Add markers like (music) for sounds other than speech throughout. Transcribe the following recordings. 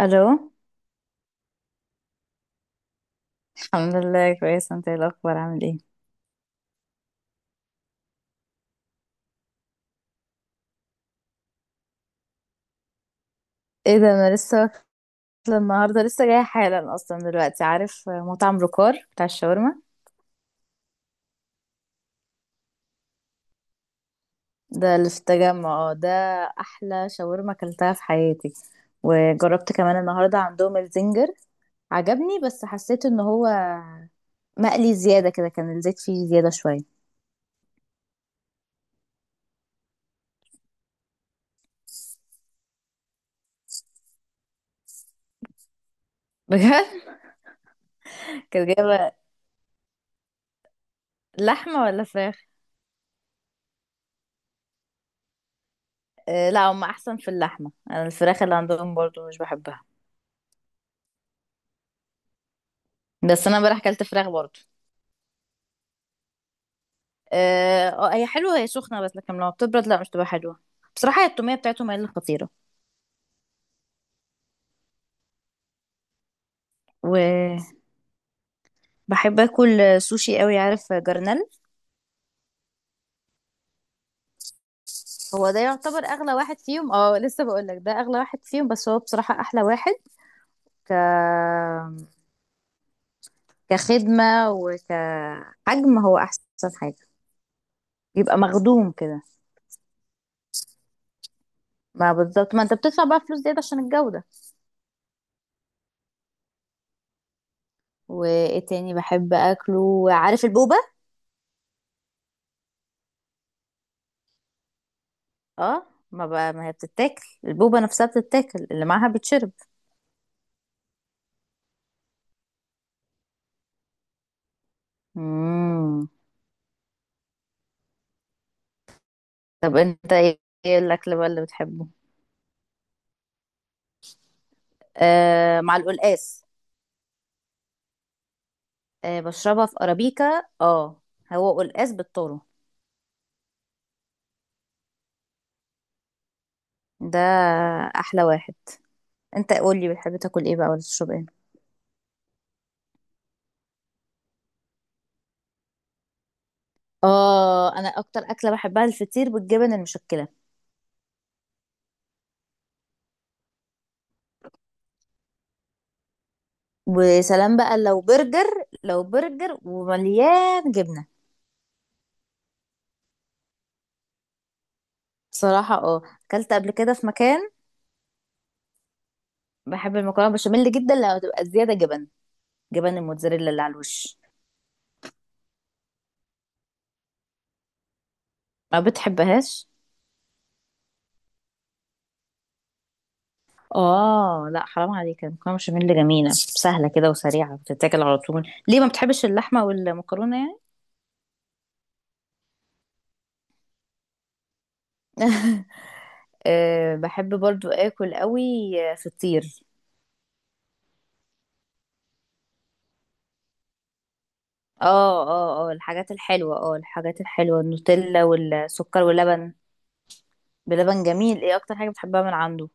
الو. الحمد لله كويس، انت ايه الاخبار، عامل ايه؟ ايه ده، انا لسه واكله النهارده، لسه جايه حالا اصلا دلوقتي. عارف مطعم روكار بتاع الشاورما؟ ده اللي في التجمع، اه ده. احلى شاورما اكلتها في حياتي. وجربت كمان النهارده عندهم الزنجر، عجبني بس حسيت ان هو مقلي زياده كده، كان الزيت فيه زياده شويه. بجد. (laughs) كانت جايبه لحمه ولا فراخ؟ آه، لا هم احسن في اللحمه، انا الفراخ اللي عندهم برضو مش بحبها. بس انا امبارح اكلت فراخ برضو. اه، هي حلوة، هي سخنة بس، لكن لما بتبرد لا مش تبقى حلوة. بصراحة هي التومية بتاعتهم هي اللي خطيرة. وبحب اكل سوشي قوي، عارف جرنال. هو ده يعتبر اغلى واحد فيهم، اه لسه بقول لك ده اغلى واحد فيهم، بس هو بصراحة احلى واحد. ك كخدمة وكحجم هو احسن حاجة، بيبقى مخدوم كده. ما بالظبط، ما انت بتدفع بقى فلوس زيادة عشان الجودة. وايه تاني بحب اكله، عارف البوبة. اه، ما بقى ما هي بتتاكل، البوبة نفسها بتتاكل، اللي معاها بتشرب. مم. طب انت ايه، إيه الاكل بقى اللي بتحبه؟ آه، مع القلقاس. آه، بشربها في ارابيكا، اه. هو قلقاس بالذرة. ده احلى واحد. انت قولي، بتحب تاكل ايه بقى ولا تشرب ايه؟ اه، انا اكتر اكله بحبها الفطير بالجبن المشكله. وسلام بقى لو برجر، لو برجر ومليان جبنه. صراحه اه، اكلت قبل كده في مكان، بحب المكرونه بشاميل جدا لو تبقى زياده جبن، جبن الموتزاريلا اللي على الوش. ما بتحبهاش؟ اه لا، حرام عليك، المكرونه بشاميل جميله، سهله كده وسريعه بتتاكل على طول، ليه ما بتحبش اللحمه والمكرونه يعني؟ (laughs) أه، بحب برضو اكل قوي، فطير. اه، اه، اه، الحاجات الحلوه، النوتيلا والسكر واللبن. بلبن جميل، ايه اكتر حاجه بتحبها من عنده؟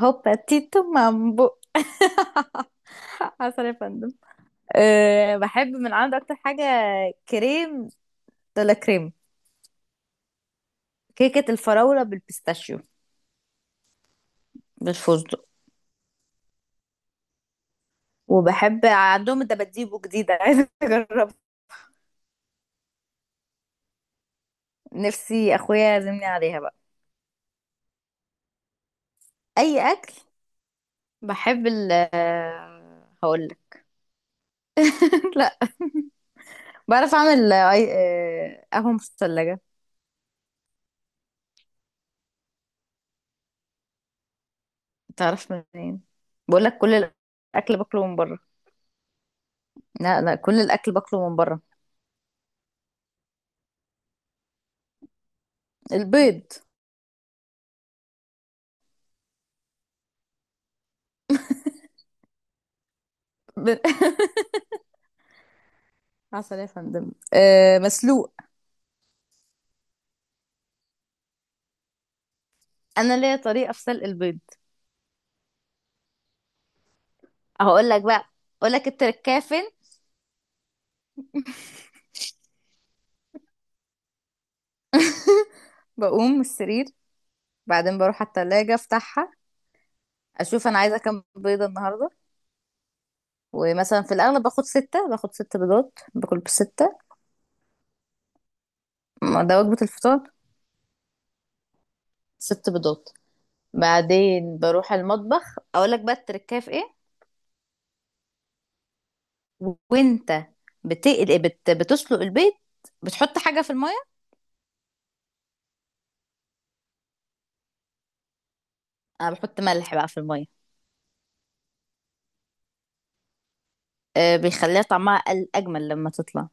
هوبا تيتو مامبو. (laughs) عسل يا فندم. أه، بحب من عنده اكتر حاجه، كريم دولا كريم. كيكه الفراوله بالبيستاشيو. بالفستق. وبحب عندهم الدباديبو جديدة، (laughs) عايزة اجربها. نفسي اخويا يعزمني عليها بقى. اي اكل، بحب ال آه، هقول لك. (laughs) لا، بعرف اعمل قهوة مثلجة. تعرف منين؟ بقول لك، كل الاكل باكله من بره. لا، لا، كل الاكل باكله من بره. البيض. (laughs) ب- عسل يا فندم. أه، مسلوق. انا ليا طريقه في سلق البيض. هقول لك بقى، اقول لك التركايه فين. بقوم من السرير، بعدين بروح على التلاجة افتحها، اشوف انا عايزه كام بيضه النهارده. ومثلا في الاغلب باخد ست بيضات، باكل بستة. ما ده وجبه الفطار. ست بيضات. بعدين بروح المطبخ، اقول لك بقى التركايه في ايه. وانت بتسلق البيض، بتحط حاجه في الميه. انا بحط ملح بقى في الميه. أه، بيخليها طعمها اجمل لما تطلع.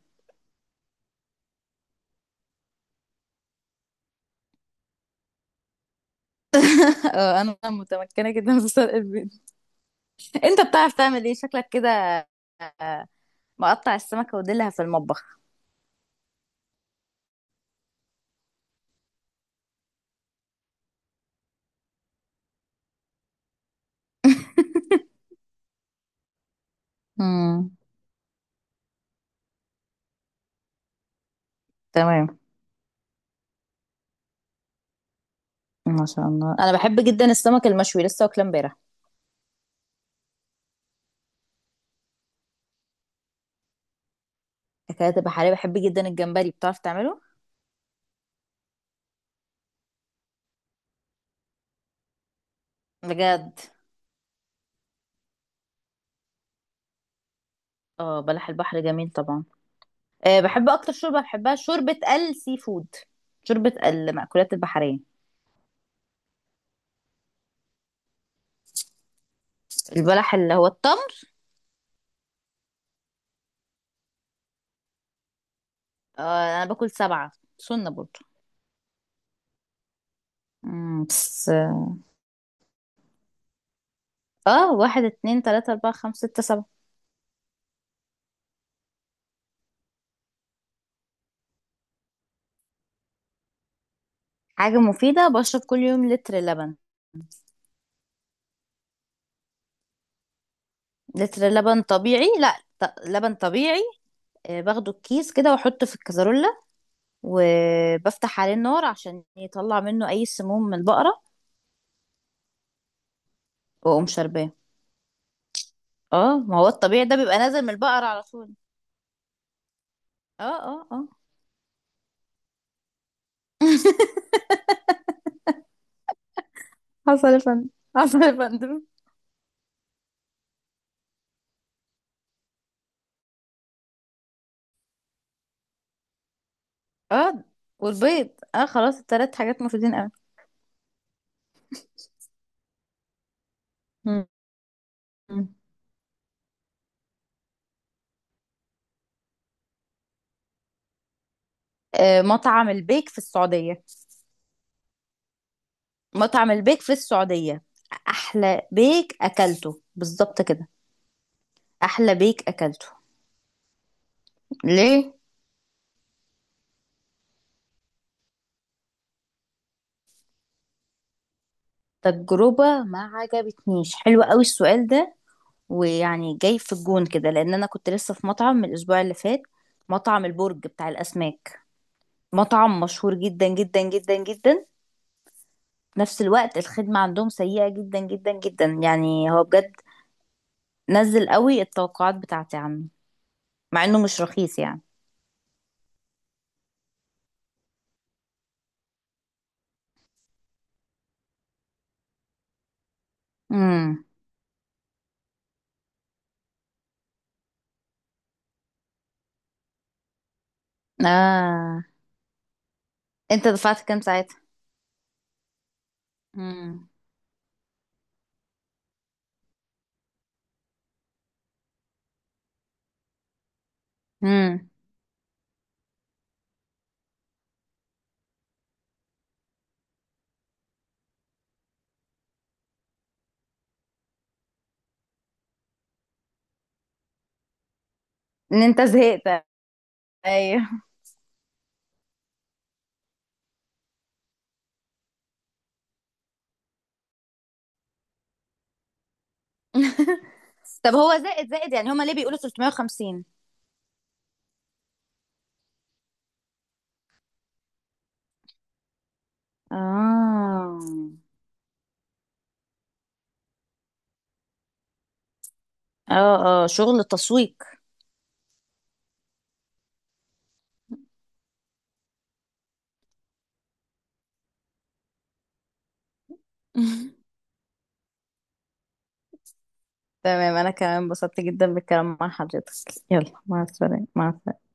(laughs) اه، انا متمكنه جدا في سلق البيض. انت بتعرف تعمل ايه شكلك كده؟ آه، مقطع السمكه وديلها في المطبخ. امم. تمام، ما شاء الله، انا بحب جدا السمك المشوي، لسه واكله امبارح. اكلات بحريه، بحب جدا الجمبري، بتعرف تعمله؟ بجد. اه، بلح البحر جميل طبعا. أه، بحب اكتر شوربه بحبها شوربه السي فود، شوربه المأكولات البحريه. البلح اللي هو التمر؟ أه، انا باكل سبعه، سنه برضه. بس. اه، واحد، اتنين، تلاته، اربعه، خمسه، سته، سبعه. حاجه مفيده، بشرب كل يوم لتر لبن. لتر لبن طبيعي، لا، لبن طبيعي. باخده الكيس كده واحطه في الكازرولة، وبفتح عليه النار عشان يطلع منه اي سموم من البقرة، واقوم شارباه. اه، ما هو الطبيعي ده بيبقى نازل من البقرة على طول. اه، اه، اه. حصل يا فندم. (laughs) حصل يا فندم. اه، والبيض. اه، خلاص التلات حاجات مفيدين قوي. مم. آه، مطعم البيك في السعودية. مطعم البيك في السعودية. أحلى بيك أكلته، بالظبط كده. أحلى بيك أكلته. ليه؟ تجربة ما عجبتنيش، حلو قوي السؤال ده. ويعني جاي في الجون كده، لان انا كنت لسه في مطعم من الاسبوع اللي فات. مطعم البرج بتاع الاسماك، مطعم مشهور جدا جدا جدا جدا. في نفس الوقت الخدمة عندهم سيئة جدا جدا جدا، يعني هو بجد نزل قوي التوقعات بتاعتي عنه، مع انه مش رخيص يعني. امم. اه، انت دفعت كام ساعتها؟ امم. امم ان انت زهقت. ايوه. (laughs) طب هو زائد زائد، يعني هما ليه بيقولوا 350؟ اه، اه، اه، شغل تسويق. (laughs) تمام، انا كمان انبسطت جدا بالكلام مع حضرتك. يلا، مع السلامة، مع السلامة.